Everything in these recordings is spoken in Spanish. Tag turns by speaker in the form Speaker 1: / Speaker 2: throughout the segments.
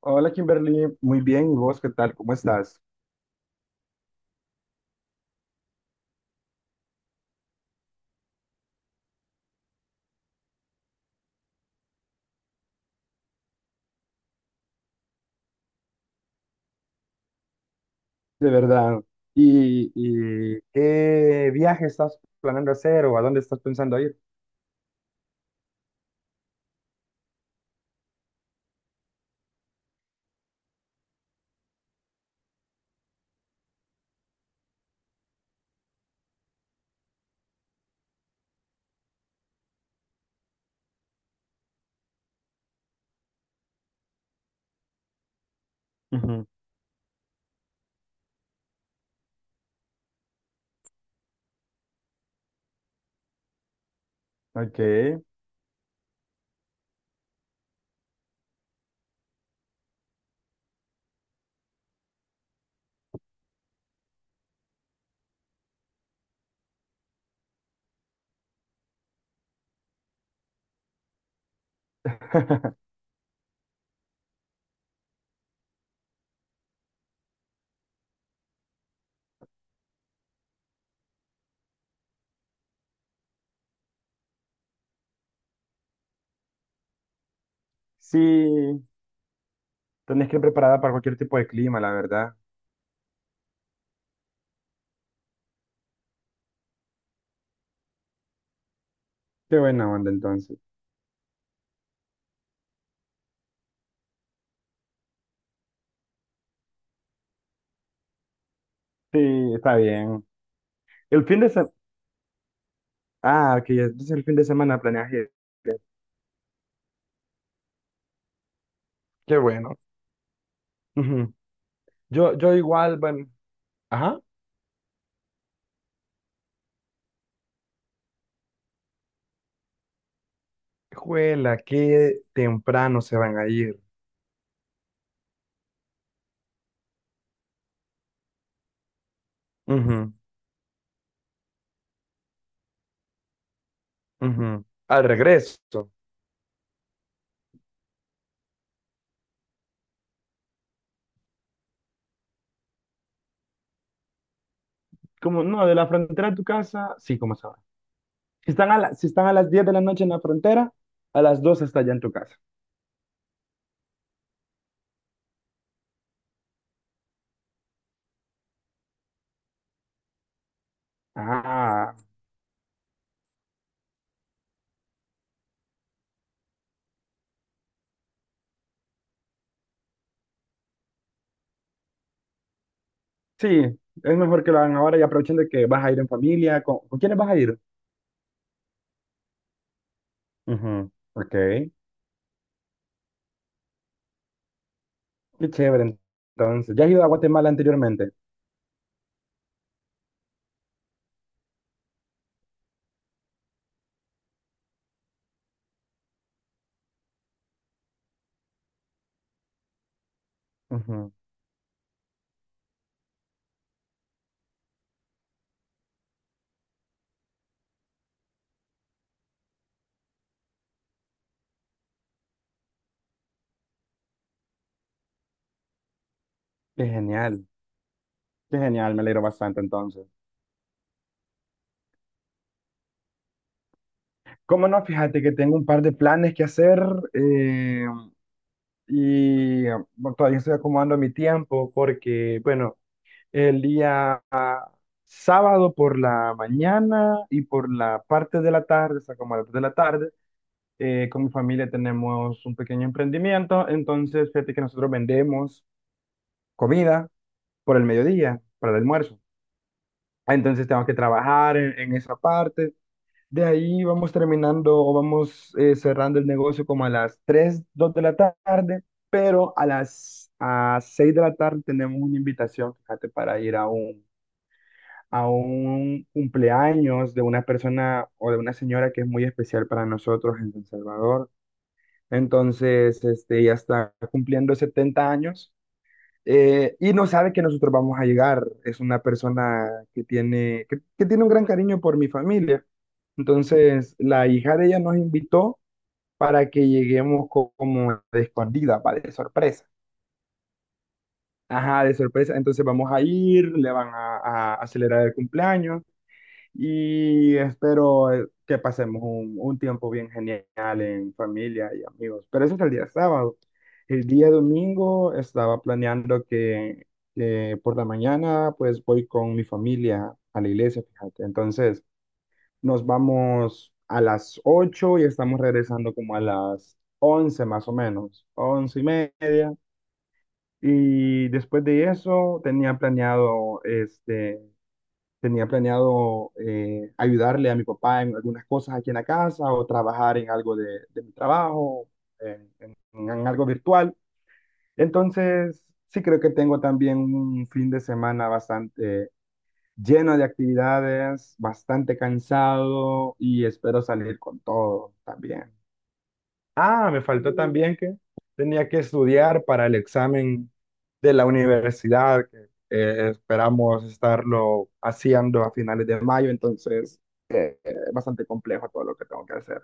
Speaker 1: Hola Kimberly, muy bien. ¿Y vos qué tal? ¿Cómo estás? De verdad. ¿Y qué viaje estás planeando hacer o a dónde estás pensando ir? Ujú. Ok. Sí, tenés que ir preparada para cualquier tipo de clima, la verdad. Qué buena onda entonces. Sí, está bien. El fin de semana. Ah, ok. Entonces el fin de semana planeas ir. Qué bueno. Ujú. Yo igual, bueno. Ajá. Juela, qué temprano se van a ir. Ujú. Ujú. Al regreso. Como, no, de la frontera a tu casa, sí, como sabes. Si están a las 10 de la noche en la frontera, a las 2 está ya en tu casa. Ah, sí, es mejor que lo hagan ahora y aprovechen de que vas a ir en familia. ¿Con quiénes vas a ir? Ujú, ok, qué chévere. Entonces, ¿ya has ido a Guatemala anteriormente? Ujú. Qué genial, qué genial, me alegro bastante entonces. ¿Cómo no? Fíjate que tengo un par de planes que hacer, eh, y bueno, todavía estoy acomodando mi tiempo porque, bueno, el día sábado por la mañana y por la parte de la tarde, o sea, como a las 3 de la tarde, con mi familia tenemos un pequeño emprendimiento, entonces fíjate que nosotros vendemos comida por el mediodía, para el almuerzo. Entonces tengo que trabajar en esa parte. De ahí vamos terminando o vamos cerrando el negocio como a las 3 2 de la tarde, pero a las a 6 de la tarde tenemos una invitación, fíjate, para ir a un cumpleaños de una persona o de una señora que es muy especial para nosotros en El Salvador. Entonces, este, ella está cumpliendo 70 años, y no sabe que nosotros vamos a llegar. Es una persona que tiene un gran cariño por mi familia. Entonces, la hija de ella nos invitó para que lleguemos como de escondida, para de sorpresa. Ajá, de sorpresa. Entonces vamos a ir, le van a acelerar el cumpleaños. Y espero que pasemos un tiempo bien genial en familia y amigos. Pero ese es el día sábado. El día domingo estaba planeando que por la mañana pues voy con mi familia a la iglesia, fíjate. Entonces nos vamos a las 8 y estamos regresando como a las 11 más o menos, 11:30. Y después de eso tenía planeado ayudarle a mi papá en algunas cosas aquí en la casa o trabajar en algo de mi trabajo, en algo virtual. Entonces, sí creo que tengo también un fin de semana bastante lleno de actividades, bastante cansado y espero salir con todo también. Ah, me faltó también que tenía que estudiar para el examen de la universidad, que esperamos estarlo haciendo a finales de mayo, entonces es bastante complejo todo lo que tengo que hacer.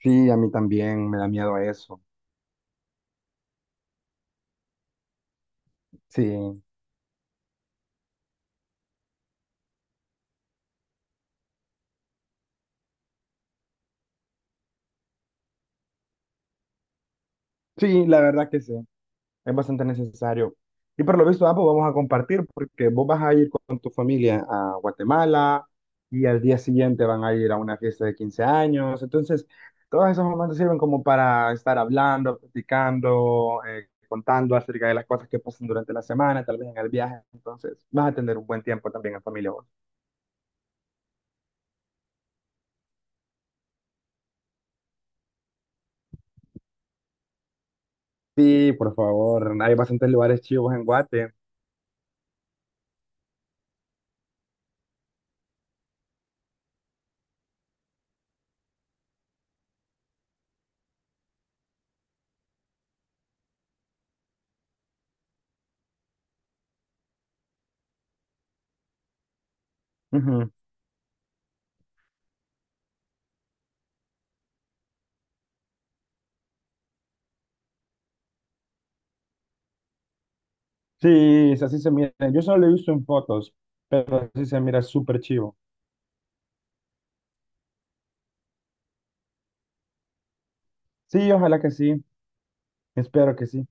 Speaker 1: Sí, a mí también me da miedo eso. Sí, sí, la verdad que sí. Es bastante necesario. Y por lo visto, ambos vamos a compartir porque vos vas a ir con tu familia a Guatemala y al día siguiente van a ir a una fiesta de 15 años. Entonces, todos esos momentos sirven como para estar hablando, platicando, contando acerca de las cosas que pasan durante la semana, tal vez en el viaje. Entonces, vas a tener un buen tiempo también en familia vos. Sí, por favor, hay bastantes lugares chivos en Guate. Ujú. Sí, así se mira. Yo solo lo he visto en fotos, pero así se mira súper chivo. Sí, ojalá que sí, espero que sí.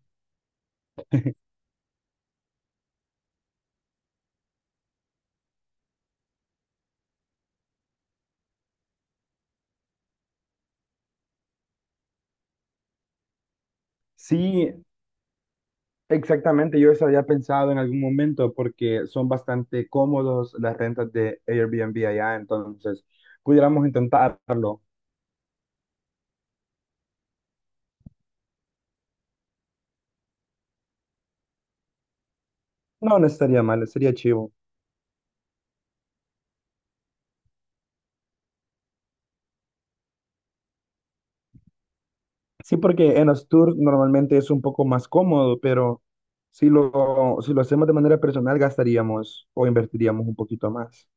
Speaker 1: Sí, exactamente, yo eso había pensado en algún momento porque son bastante cómodos las rentas de Airbnb allá, entonces pudiéramos intentarlo. No, no estaría mal, sería chivo. Sí, porque en los tours normalmente es un poco más cómodo, pero si lo hacemos de manera personal gastaríamos o invertiríamos un poquito más.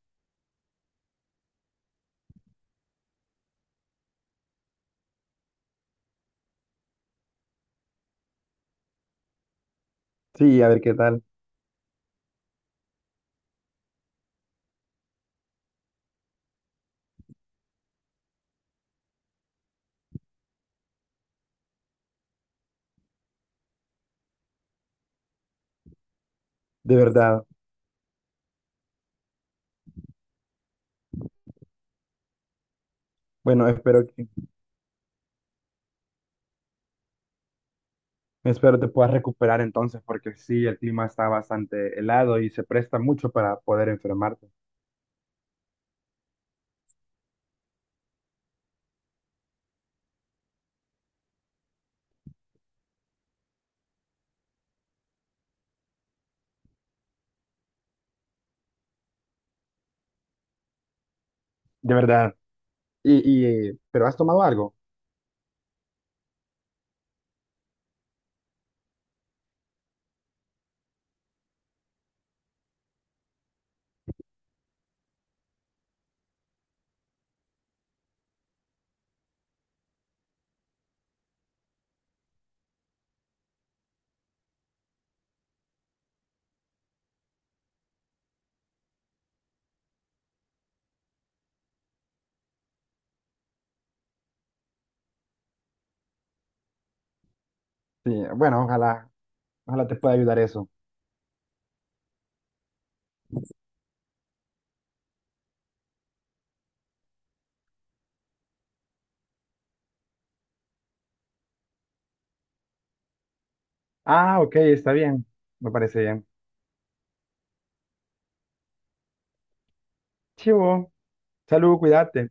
Speaker 1: Sí, a ver qué tal, de verdad. Bueno, espero que. Espero te puedas recuperar entonces, porque sí, el clima está bastante helado y se presta mucho para poder enfermarte. De verdad. Y, y, ¿pero has tomado algo? Sí, bueno, ojalá, ojalá te pueda ayudar eso. Ah, ok, está bien. Me parece bien. Chivo, salud, cuídate.